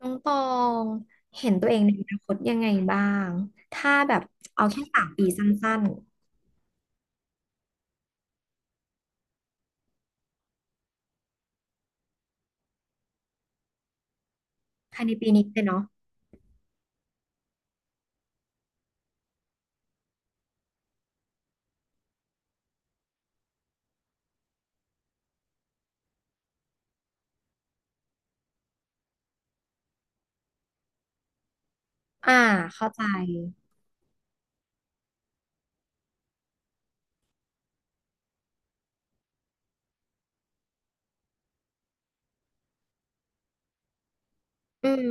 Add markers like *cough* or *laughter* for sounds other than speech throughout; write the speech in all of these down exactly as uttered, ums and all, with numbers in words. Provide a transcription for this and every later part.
น้องตองเห็นตัวเองในอนาคตยังไงบ้างถ้าแบบเอาแค่สามปีสั้นๆภายในปีนี้เลยเนาะอ่าเข้าใจอืม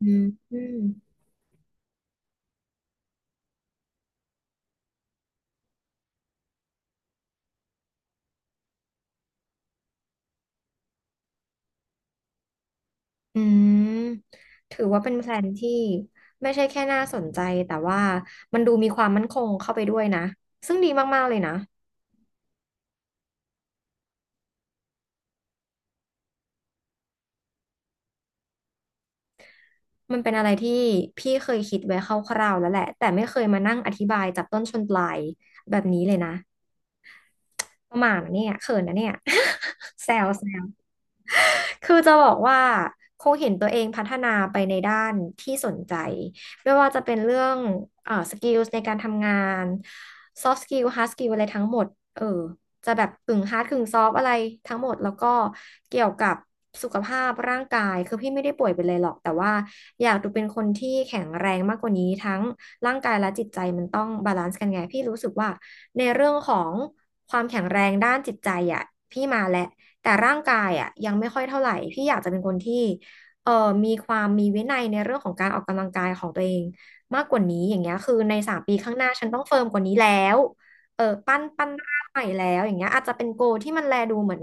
อืมอืมอืมถือว่าเป็นแพลนที่ไม่ใช่แค่น่าสนใจแต่ว่ามันดูมีความมั่นคงเข้าไปด้วยนะซึ่งดีมากๆเลยนะมันเป็นอะไรที่พี่เคยคิดไว้คร่าวๆแล้วแหละแต่ไม่เคยมานั่งอธิบายจับต้นชนปลายแบบนี้เลยนะประมาณนะเนี่ยเขินนะเนี่ย *laughs* แซวแซว คือจะบอกว่าคงเห็นตัวเองพัฒนาไปในด้านที่สนใจไม่ว่าจะเป็นเรื่องเอ่อสกิลในการทำงาน ซอฟต์ สกิล ฮาร์ด สกิล อะไรทั้งหมดเออจะแบบกึ่ง hard กึ่ง soft อะไรทั้งหมดแล้วก็เกี่ยวกับสุขภาพร่างกายคือพี่ไม่ได้ป่วยเป็นอะไรหรอกแต่ว่าอยากดูเป็นคนที่แข็งแรงมากกว่านี้ทั้งร่างกายและจิตใจมันต้องบาลานซ์กันไงพี่รู้สึกว่าในเรื่องของความแข็งแรงด้านจิตใจอ่ะพี่มาแล้ว แต่ร่างกายอ่ะยังไม่ค่อยเท่าไหร่พี่อยากจะเป็นคนที่เอ่อมีความมีวินัยในเรื่องของการออกกำลังกายของตัวเองมากกว่านี้อย่างเงี้ยคือในสามปีข้างหน้าฉันต้องเฟิร์มกว่านี้แล้วเออปั้นปั้นร่างใหม่แล้วอย่างเงี้ยอาจจะเป็นโกลที่มันแลดูเหมือน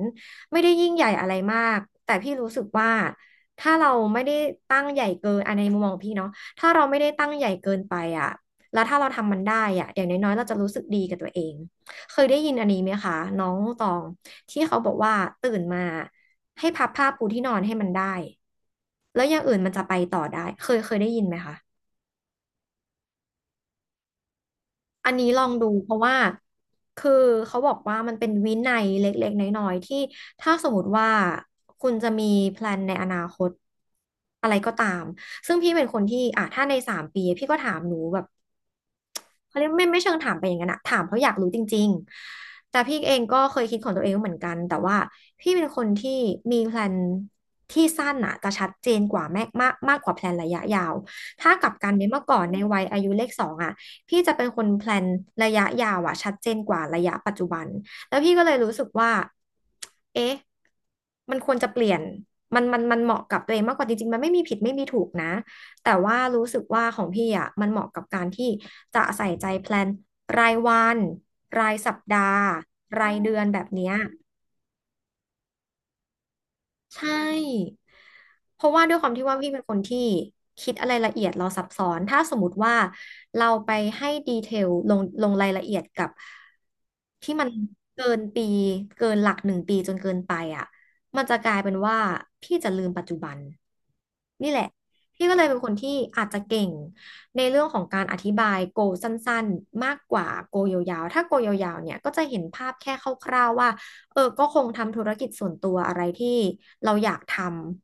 ไม่ได้ยิ่งใหญ่อะไรมากแต่พี่รู้สึกว่าถ้าเราไม่ได้ตั้งใหญ่เกินอันในมุมมองพี่เนาะถ้าเราไม่ได้ตั้งใหญ่เกินไปอ่ะแล้วถ้าเราทำมันได้อ่ะอย่างน้อยๆเราจะรู้สึกดีกับตัวเอง เคยได้ยินอันนี้ไหมคะน้องตองที่เขาบอกว่าตื่นมาให้พับผ้าปูที่นอนให้มันได้แล้วอย่างอื่นมันจะไปต่อได้เคยเคยได้ยินไหมคะอันนี้ลองดูเพราะว่าคือเขาบอกว่ามันเป็นวินัยเล็กๆน้อยๆที่ถ้าสมมติว่าคุณจะมีแพลนในอนาคตอะไรก็ตามซึ่งพี่เป็นคนที่อ่ะถ้าในสามปีพี่ก็ถามหนูแบบ เขาเรียกไม่ไม่เชิงถามไปอย่างนั้นอะถามเพราะอยากรู้จริงๆแต่พี่เองก็เคยคิดของตัวเองเหมือนกันแต่ว่าพี่เป็นคนที่มีแพลนที่สั้นอะจะชัดเจนกว่าแม่มากมากกว่าแพลนระยะยาวถ้ากลับกันเนี่ยเมื่อก่อนในวัยอายุเลขสองอะพี่จะเป็นคนแพลนระยะยาวอะชัดเจนกว่าระยะปัจจุบันแล้วพี่ก็เลยรู้สึกว่าเอ๊ะมันควรจะเปลี่ยนมันมันมันเหมาะกับตัวเองมากกว่าจริงๆมันไม่มีผิดไม่มีถูกนะ แต่ว่ารู้สึกว่าของพี่อ่ะมันเหมาะกับการที่จะใส่ใจแพลนรายวันรายสัปดาห์รายเดือนแบบเนี้ย ใช่ เพราะว่าด้วยความที่ว่าพี่เป็นคนที่คิดอะไรละเอียดเราซับซ้อนถ้าสมมติว่าเราไปให้ดีเทลลงลงรายละเอียดกับที่มันเกินปีเกินหลักหนึ่งปีจนเกินไปอ่ะมันจะกลายเป็นว่าพี่จะลืมปัจจุบันนี่แหละ พี่ก็เลยเป็นคนที่อาจจะเก่งในเรื่องของการอธิบายโกสั้นๆมากกว่าโกยาวๆ ถ้าโกยาวๆเนี่ยก็จะเห็นภาพแค่คร่าวๆว่า เออก็คงทำธุรกิจส่วนตัวอะไรที่เราอยากท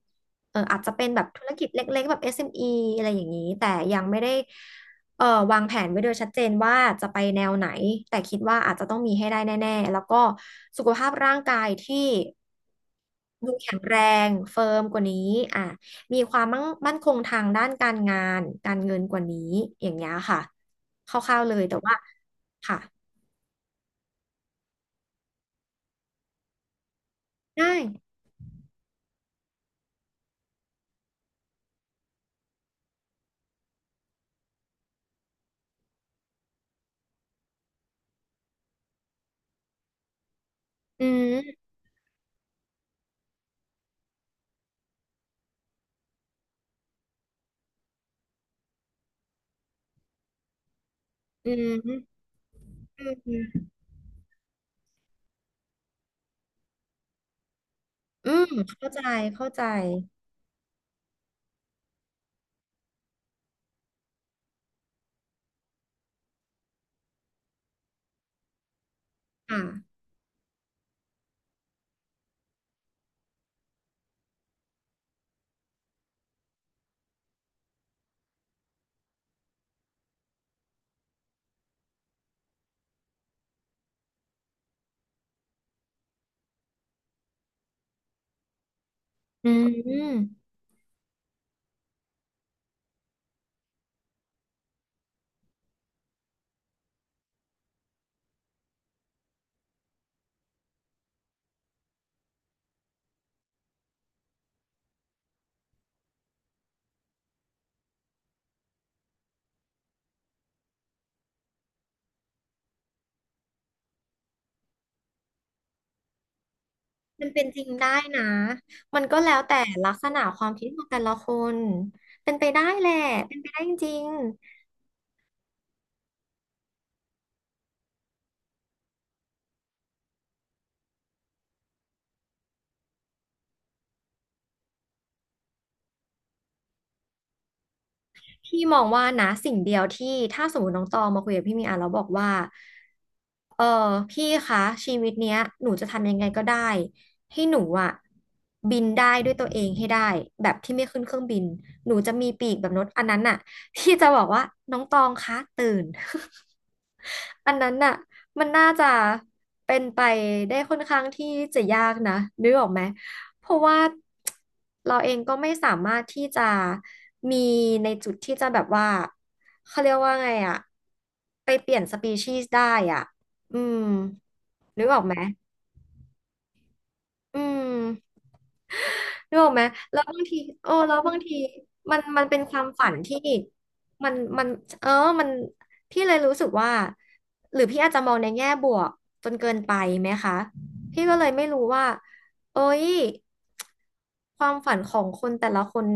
ำเอออาจจะเป็นแบบธุรกิจเล็กๆแบบเอ เอ็ม เอมอีอะไรอย่างนี้แต่ยังไม่ได้เออวางแผนไว้โดยชัดเจนว่าจะไปแนวไหนแต่คิดว่าอาจจะต้องมีให้ได้แน่ๆแล้วก็สุขภาพร่างกายที่ดูแข็งแรงเฟิร์มกว่านี้อ่ะมีความมั่งมั่นคงทางด้านการงานการเงินกว่านี้อย่างเงี้ยค่ะคร่าวๆเลย แต่ว่าค่ะได้อืมอืมอืมอืม อืมเข้าใจเข้าใจค่ะอืมมันเป็นจริงได้นะมันก็แล้วแต่ลักษณะความคิดของแต่ละคนเป็นไปได้แหละเป็นไปได้จริง พี่มองว่านะสิ่งเดียวที่ถ้าสมมติน้องตองมาคุยกับพี่มีอ่ะแล้วบอกว่าเออพี่คะชีวิตเนี้ยหนูจะทำยังไงก็ได้ให้หนูอ่ะบินได้ด้วยตัวเองให้ได้แบบที่ไม่ขึ้นเครื่องบินหนูจะมีปีกแบบนกอันนั้นน่ะพี่จะบอกว่าน้องตองคะตื่น *laughs* อันนั้นน่ะมันน่าจะเป็นไปได้ค่อนข้างที่จะยากนะนึกออกไหม เพราะว่าเราเองก็ไม่สามารถที่จะมีในจุดที่จะแบบว่าเขาเรียกว่าไงอะไปเปลี่ยนสปีชีส์ได้อ่ะอืมนึกออกไหมอืม นึกออกไหมแล้วบางทีเออแล้วบางทีมันมันเป็นความฝันที่มันมันเออมันพี่เลยรู้สึกว่า หรือพี่อาจจะมองในแง่บวกจนเกินไปไหมคะ พี่ก็เลยไม่รู้ว่าเอ้ย ความฝันของคนแต่ละคน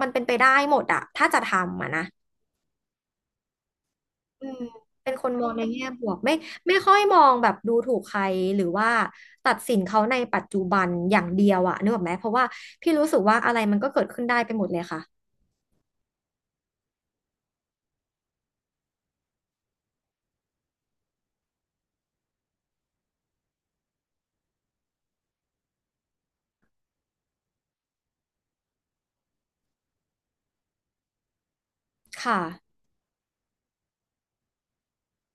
มันเป็นไปได้หมดอะ ถ้าจะทำอะนะ อืมเป็นคนมองในแง่บวกไม่ไม่ค่อยมองแบบดูถูกใครหรือว่าตัดสินเขาในปัจจุบันอย่างเดียวอะนึกออกไหมเพราะว่าพี่รู้สึกว่าอะไรมันก็เกิดขึ้นได้ไปหมดเลยค่ะค่ะ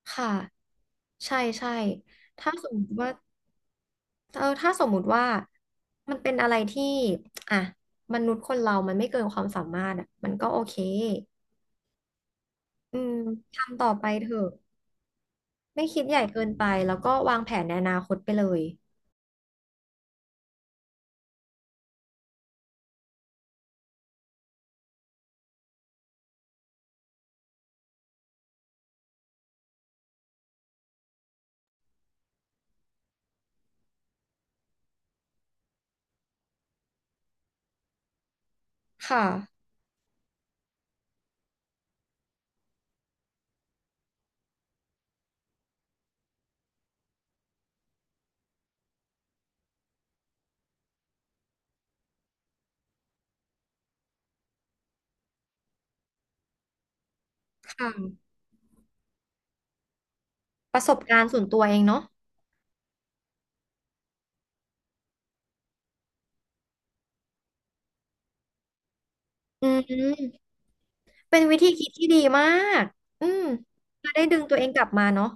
ค่ะใช่ใช่ถ้าสมมติว่าเออถ้าสมมุติว่ามันเป็นอะไรที่อ่ะมนุษย์คนเรามันไม่เกินความสามารถอะมันก็โอเคอืมทำต่อไปเถอะไม่คิดใหญ่เกินไปแล้วก็วางแผนในอนาคตไปเลยค่ะค่ะ ประสบการณ์ส่วนตัวเองเนาะอืมเป็นวิธีคิดที่ดีมาก อืมจะได้ดึงตัวเองกลับมาเนาะ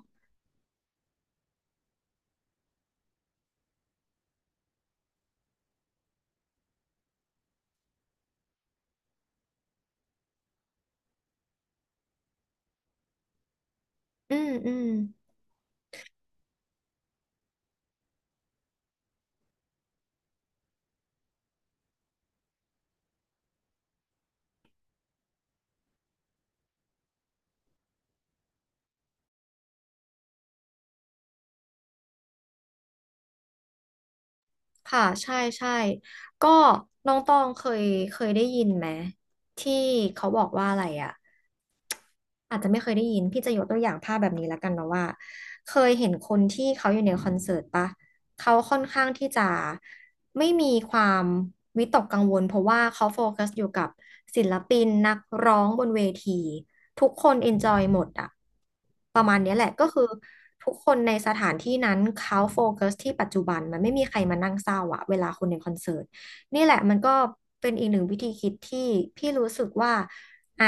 อืมอืมค่ะใช่ ใช่ ก็น้องตองเคย เคยได้ยินไหมที่เขาบอกว่าอะไรอะ อาจจะไม่เคยได้ยินพี่จะยกตัวอย่างภาพแบบนี้แล้วกันเนาะว่าเคยเห็นคนที่เขาอยู่ในคอนเสิร์ตปะเขาค่อนข้างที่จะไม่มีความวิตกกังวลเพราะว่าเขาโฟกัสอยู่กับศิลปินนักร้องบนเวทีทุกคนเอนจอยหมดอะประมาณเนี้ยแหละก็คือทุกคนในสถานที่นั้นเขาโฟกัสที่ปัจจุบันมันไม่มีใครมานั่งเศร้าอะเวลาคนในคอนเสิร์ตนี่แหละมันก็เป็นอีกหนึ่งวิธีคิดที่พี่รู้สึกว่า อ่ะ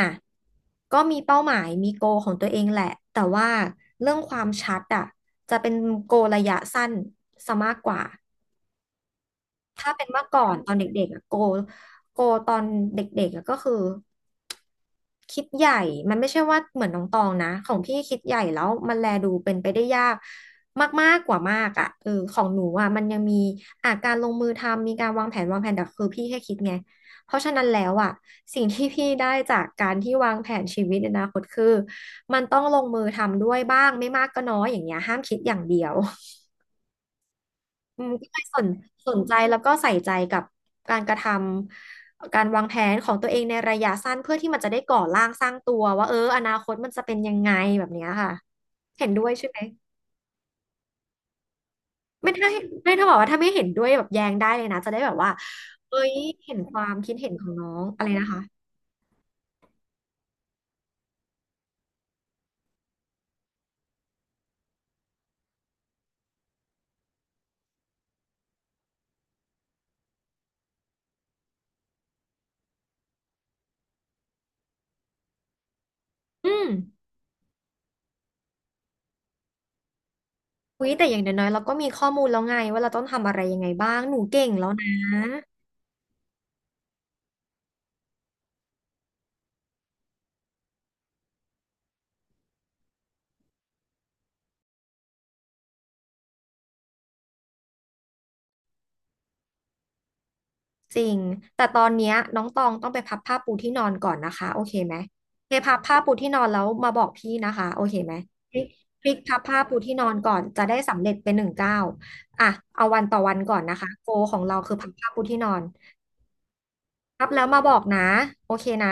ก็มีเป้าหมายมีโกของตัวเองแหละแต่ว่าเรื่องความชัดอ่ะจะเป็นโกระยะสั้นซะมากกว่า ถ้าเป็นเมื่อก่อนตอนเด็กๆอะโกโกตอนเด็กๆอะก็คือคิดใหญ่มันไม่ใช่ว่าเหมือนน้องตองนะของพี่คิดใหญ่แล้วมันแลดูเป็นไปได้ยากมากๆกว่ามากอ่ะเออของหนูอ่ะมันยังมีอาการลงมือทำมีการวางแผนวางแผนแต่คือพี่แค่คิดไงเพราะฉะนั้นแล้วอ่ะสิ่งที่พี่ได้จากการที่วางแผนชีวิตในอนาคตคือมันต้องลงมือทำด้วยบ้างไม่มากก็น้อยอย่างเงี้ยห้ามคิดอย่างเดียว อืมก็เลยสนสนใจแล้วก็ใส่ใจกับการกระทำการวางแผนของตัวเองในระยะสั้นเพื่อที่มันจะได้ก่อร่างสร้างตัวว่าเอออนาคตมันจะเป็นยังไงแบบเนี้ยค่ะเห็นด้วยใช่ไหมไม่ถ้าไม่ถ้าบอกว่าถ้าไม่เห็นด้วยแบบแย้งได้เลยนะจะได้แบบว่าเอ้ยเห็นความคิดเห็นของน้องอะไรนะคะอืมอุ๊ยแต่อย่างน้อยๆเราก็มีข้อมูลแล้วไงว่าเราต้องทำอะไรยังไงบ้างหนูเก่งแล้วนะ จริงแต่ตอนเนี้ยน้องตองต้องไปพับผ้าปูที่นอนก่อนนะคะโอเคไหมไปพับผ้าปูที่นอนแล้วมาบอกพี่นะคะโอเคไหมพลิกพลิกพับผ้าปูที่นอนก่อนจะได้สำเร็จเป็นหนึ่งเก้าวอ่ะเอาวันต่อวันก่อนนะคะโกของเราคือพับผ้าปูที่นอนพับแล้วมาบอกนะโอเคนะ